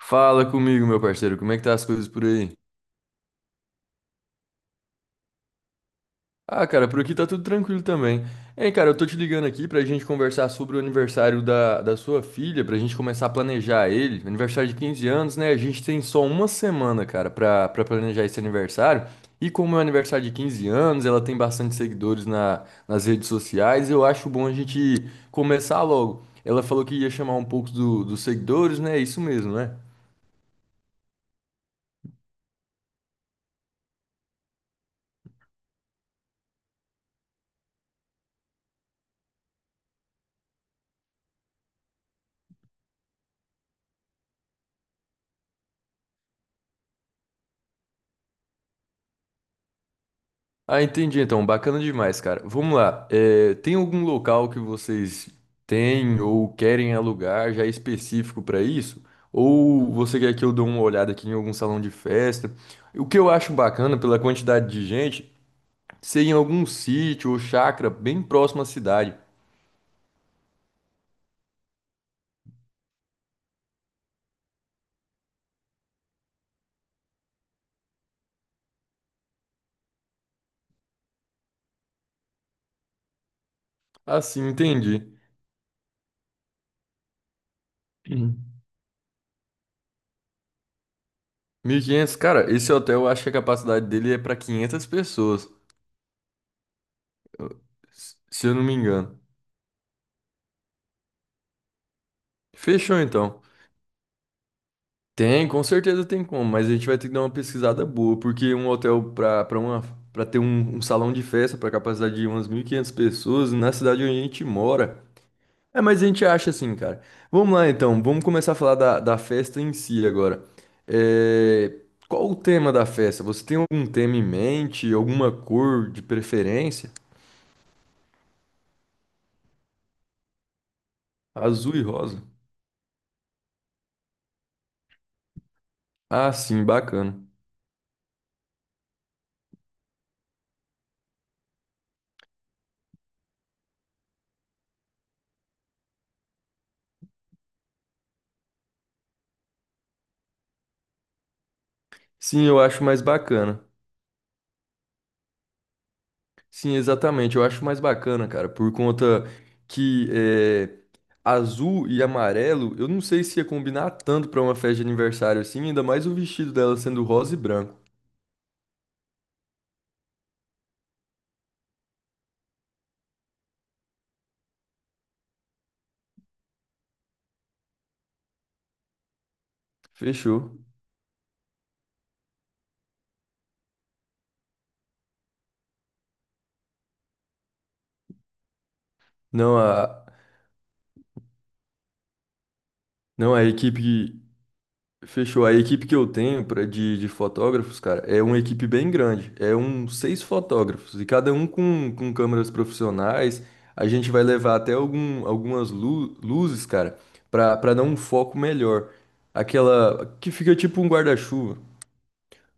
Fala comigo, meu parceiro, como é que tá as coisas por aí? Ah, cara, por aqui tá tudo tranquilo também. Hein, cara, eu tô te ligando aqui pra gente conversar sobre o aniversário da sua filha, pra gente começar a planejar ele. Aniversário de 15 anos, né? A gente tem só uma semana, cara, pra planejar esse aniversário. E como é um aniversário de 15 anos, ela tem bastante seguidores nas redes sociais, eu acho bom a gente começar logo. Ela falou que ia chamar um pouco dos seguidores, né? Isso mesmo, né? Ah, entendi então. Bacana demais, cara. Vamos lá. Tem algum local que vocês têm ou querem alugar já específico para isso? Ou você quer que eu dê uma olhada aqui em algum salão de festa? O que eu acho bacana pela quantidade de gente, ser em algum sítio ou chácara bem próximo à cidade. Assim, entendi. Uhum. Mil e quinhentos, cara, esse hotel eu acho que a capacidade dele é para 500 pessoas, eu- se eu não me engano. Fechou então. Tem, com certeza tem como, mas a gente vai ter que dar uma pesquisada boa, porque um hotel para uma para ter um salão de festa para capacidade de umas 1.500 pessoas na cidade onde a gente mora. É, mas a gente acha assim, cara. Vamos lá então, vamos começar a falar da festa em si agora. É, qual o tema da festa? Você tem algum tema em mente, alguma cor de preferência? Azul e rosa. Ah, sim, bacana. Sim, eu acho mais bacana. Sim, exatamente. Eu acho mais bacana, cara, por conta que é, azul e amarelo, eu não sei se ia combinar tanto pra uma festa de aniversário assim, ainda mais o vestido dela sendo rosa e branco. Fechou. Não, a, não, a equipe. Fechou. A equipe que eu tenho pra, de fotógrafos, cara, é uma equipe bem grande. É uns 6 fotógrafos, e cada um com câmeras profissionais. A gente vai levar até algum, algumas luzes, cara, pra dar um foco melhor. Aquela que fica tipo um guarda-chuva.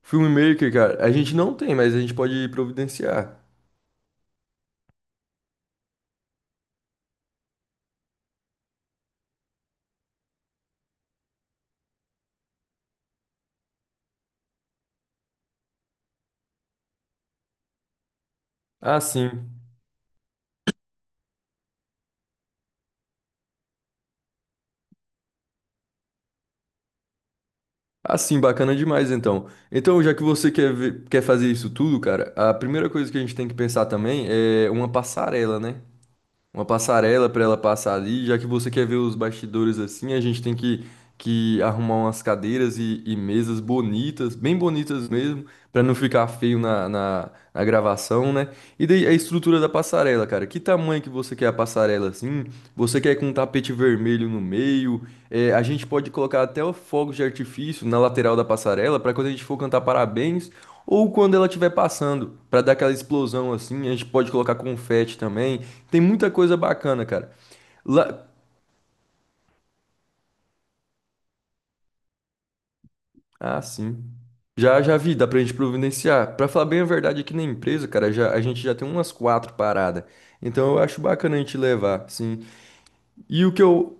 Filmmaker, cara, a gente não tem, mas a gente pode providenciar. Ah, sim. Ah, sim, bacana demais, então. Então, já que você quer fazer isso tudo, cara, a primeira coisa que a gente tem que pensar também é uma passarela, né? Uma passarela para ela passar ali, já que você quer ver os bastidores assim, a gente tem que arrumar umas cadeiras e mesas bonitas, bem bonitas mesmo, para não ficar feio na gravação, né? E daí a estrutura da passarela, cara, que tamanho que você quer a passarela assim? Você quer com um tapete vermelho no meio? É, a gente pode colocar até o fogo de artifício na lateral da passarela para quando a gente for cantar parabéns ou quando ela estiver passando, para dar aquela explosão assim. A gente pode colocar confete também. Tem muita coisa bacana, cara. Lá... Ah, sim. Já vi, dá pra gente providenciar. Pra falar bem a verdade, aqui na empresa, cara, já, a gente já tem umas quatro paradas. Então eu acho bacana a gente levar, sim. E o que eu.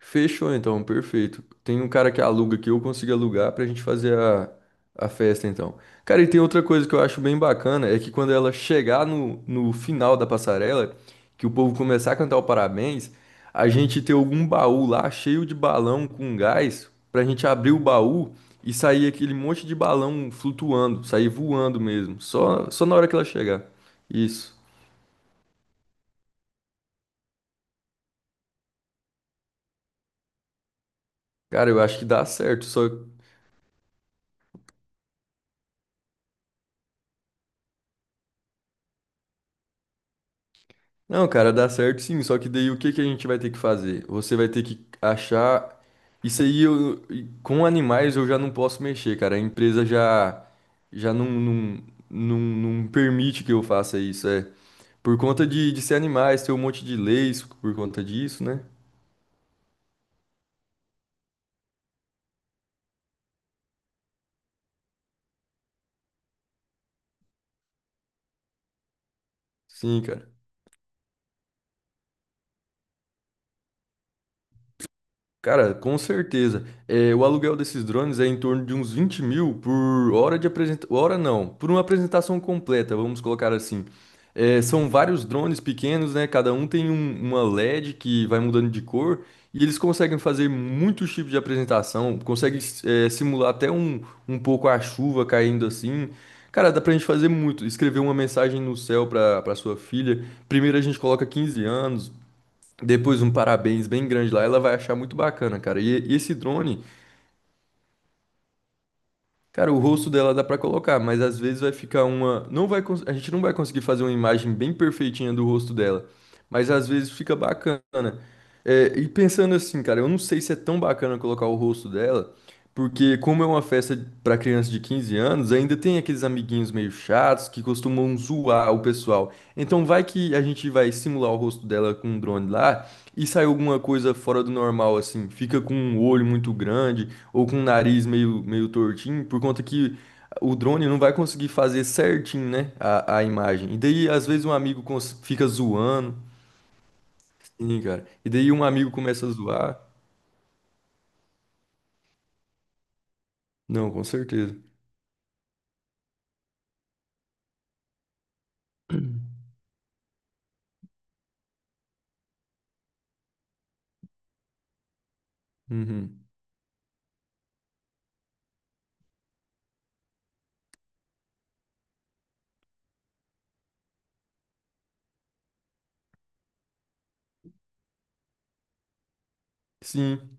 Fechou então, perfeito. Tem um cara que aluga que eu consigo alugar pra gente fazer a festa então. Cara, e tem outra coisa que eu acho bem bacana, é que quando ela chegar no final da passarela, que o povo começar a cantar o parabéns, a gente ter algum baú lá cheio de balão com gás, pra gente abrir o baú e sair aquele monte de balão flutuando, sair voando mesmo, só na hora que ela chegar. Isso. Cara, eu acho que dá certo, só. Não, cara, dá certo sim, só que daí o que que a gente vai ter que fazer? Você vai ter que achar. Isso aí eu, e com animais eu já não posso mexer, cara. A empresa já já não permite que eu faça isso, é. Por conta de ser animais, ter um monte de leis por conta disso, né? Sim, cara. Cara, com certeza. É, o aluguel desses drones é em torno de uns 20 mil por hora de apresentação. Hora não, por uma apresentação completa, vamos colocar assim. É, são vários drones pequenos, né? Cada um tem uma LED que vai mudando de cor e eles conseguem fazer muitos tipos de apresentação, conseguem, é, simular até um, um pouco a chuva caindo assim. Cara, dá pra gente fazer muito. Escrever uma mensagem no céu pra, pra sua filha. Primeiro a gente coloca 15 anos, depois um parabéns bem grande lá, ela vai achar muito bacana, cara. E esse drone, cara, o rosto dela dá pra colocar, mas às vezes vai ficar uma, não vai, a gente não vai conseguir fazer uma imagem bem perfeitinha do rosto dela, mas às vezes fica bacana. É, e pensando assim, cara, eu não sei se é tão bacana colocar o rosto dela, porque como é uma festa pra criança de 15 anos, ainda tem aqueles amiguinhos meio chatos que costumam zoar o pessoal. Então vai que a gente vai simular o rosto dela com um drone lá. E sai alguma coisa fora do normal, assim? Fica com um olho muito grande ou com um nariz meio tortinho, por conta que o drone não vai conseguir fazer certinho, né? A imagem. E daí, às vezes, um amigo fica zoando. Sim, cara. E daí, um amigo começa a zoar. Não, com certeza. Uhum. Sim.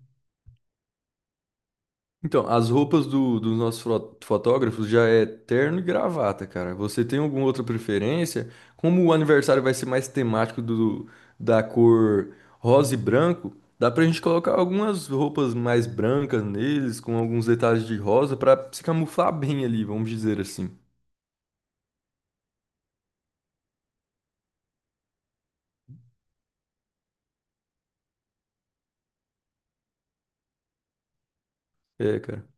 Então, as roupas dos nossos fotógrafos já é terno e gravata, cara. Você tem alguma outra preferência? Como o aniversário vai ser mais temático do, da cor rosa e branco, dá pra gente colocar algumas roupas mais brancas neles, com alguns detalhes de rosa, pra se camuflar bem ali, vamos dizer assim. É, cara.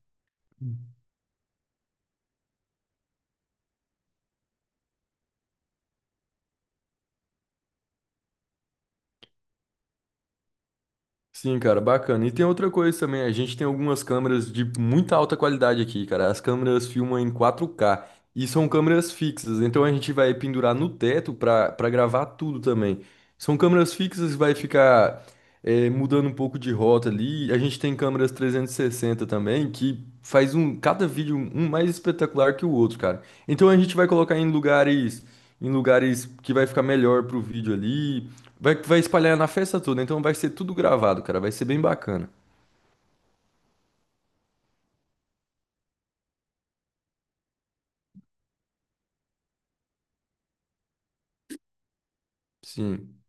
Sim, cara, bacana. E tem outra coisa também, a gente tem algumas câmeras de muita alta qualidade aqui, cara. As câmeras filmam em 4K e são câmeras fixas, então a gente vai pendurar no teto para gravar tudo também. São câmeras fixas, vai ficar é, mudando um pouco de rota ali, a gente tem câmeras 360 também, que faz um cada vídeo um mais espetacular que o outro, cara. Então a gente vai colocar em lugares que vai ficar melhor pro vídeo ali, vai espalhar na festa toda, então vai ser tudo gravado, cara, vai ser bem bacana. Sim,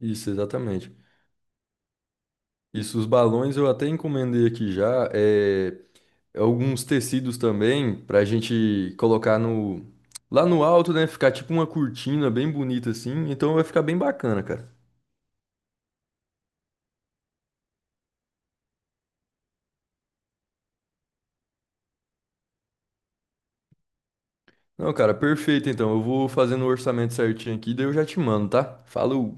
isso exatamente. Isso, os balões eu até encomendei aqui já, É, alguns tecidos também pra gente colocar no lá no alto, né? Ficar tipo uma cortina bem bonita assim. Então vai ficar bem bacana, cara. Não, cara, perfeito. Então eu vou fazendo o orçamento certinho aqui, daí eu já te mando, tá? Falou.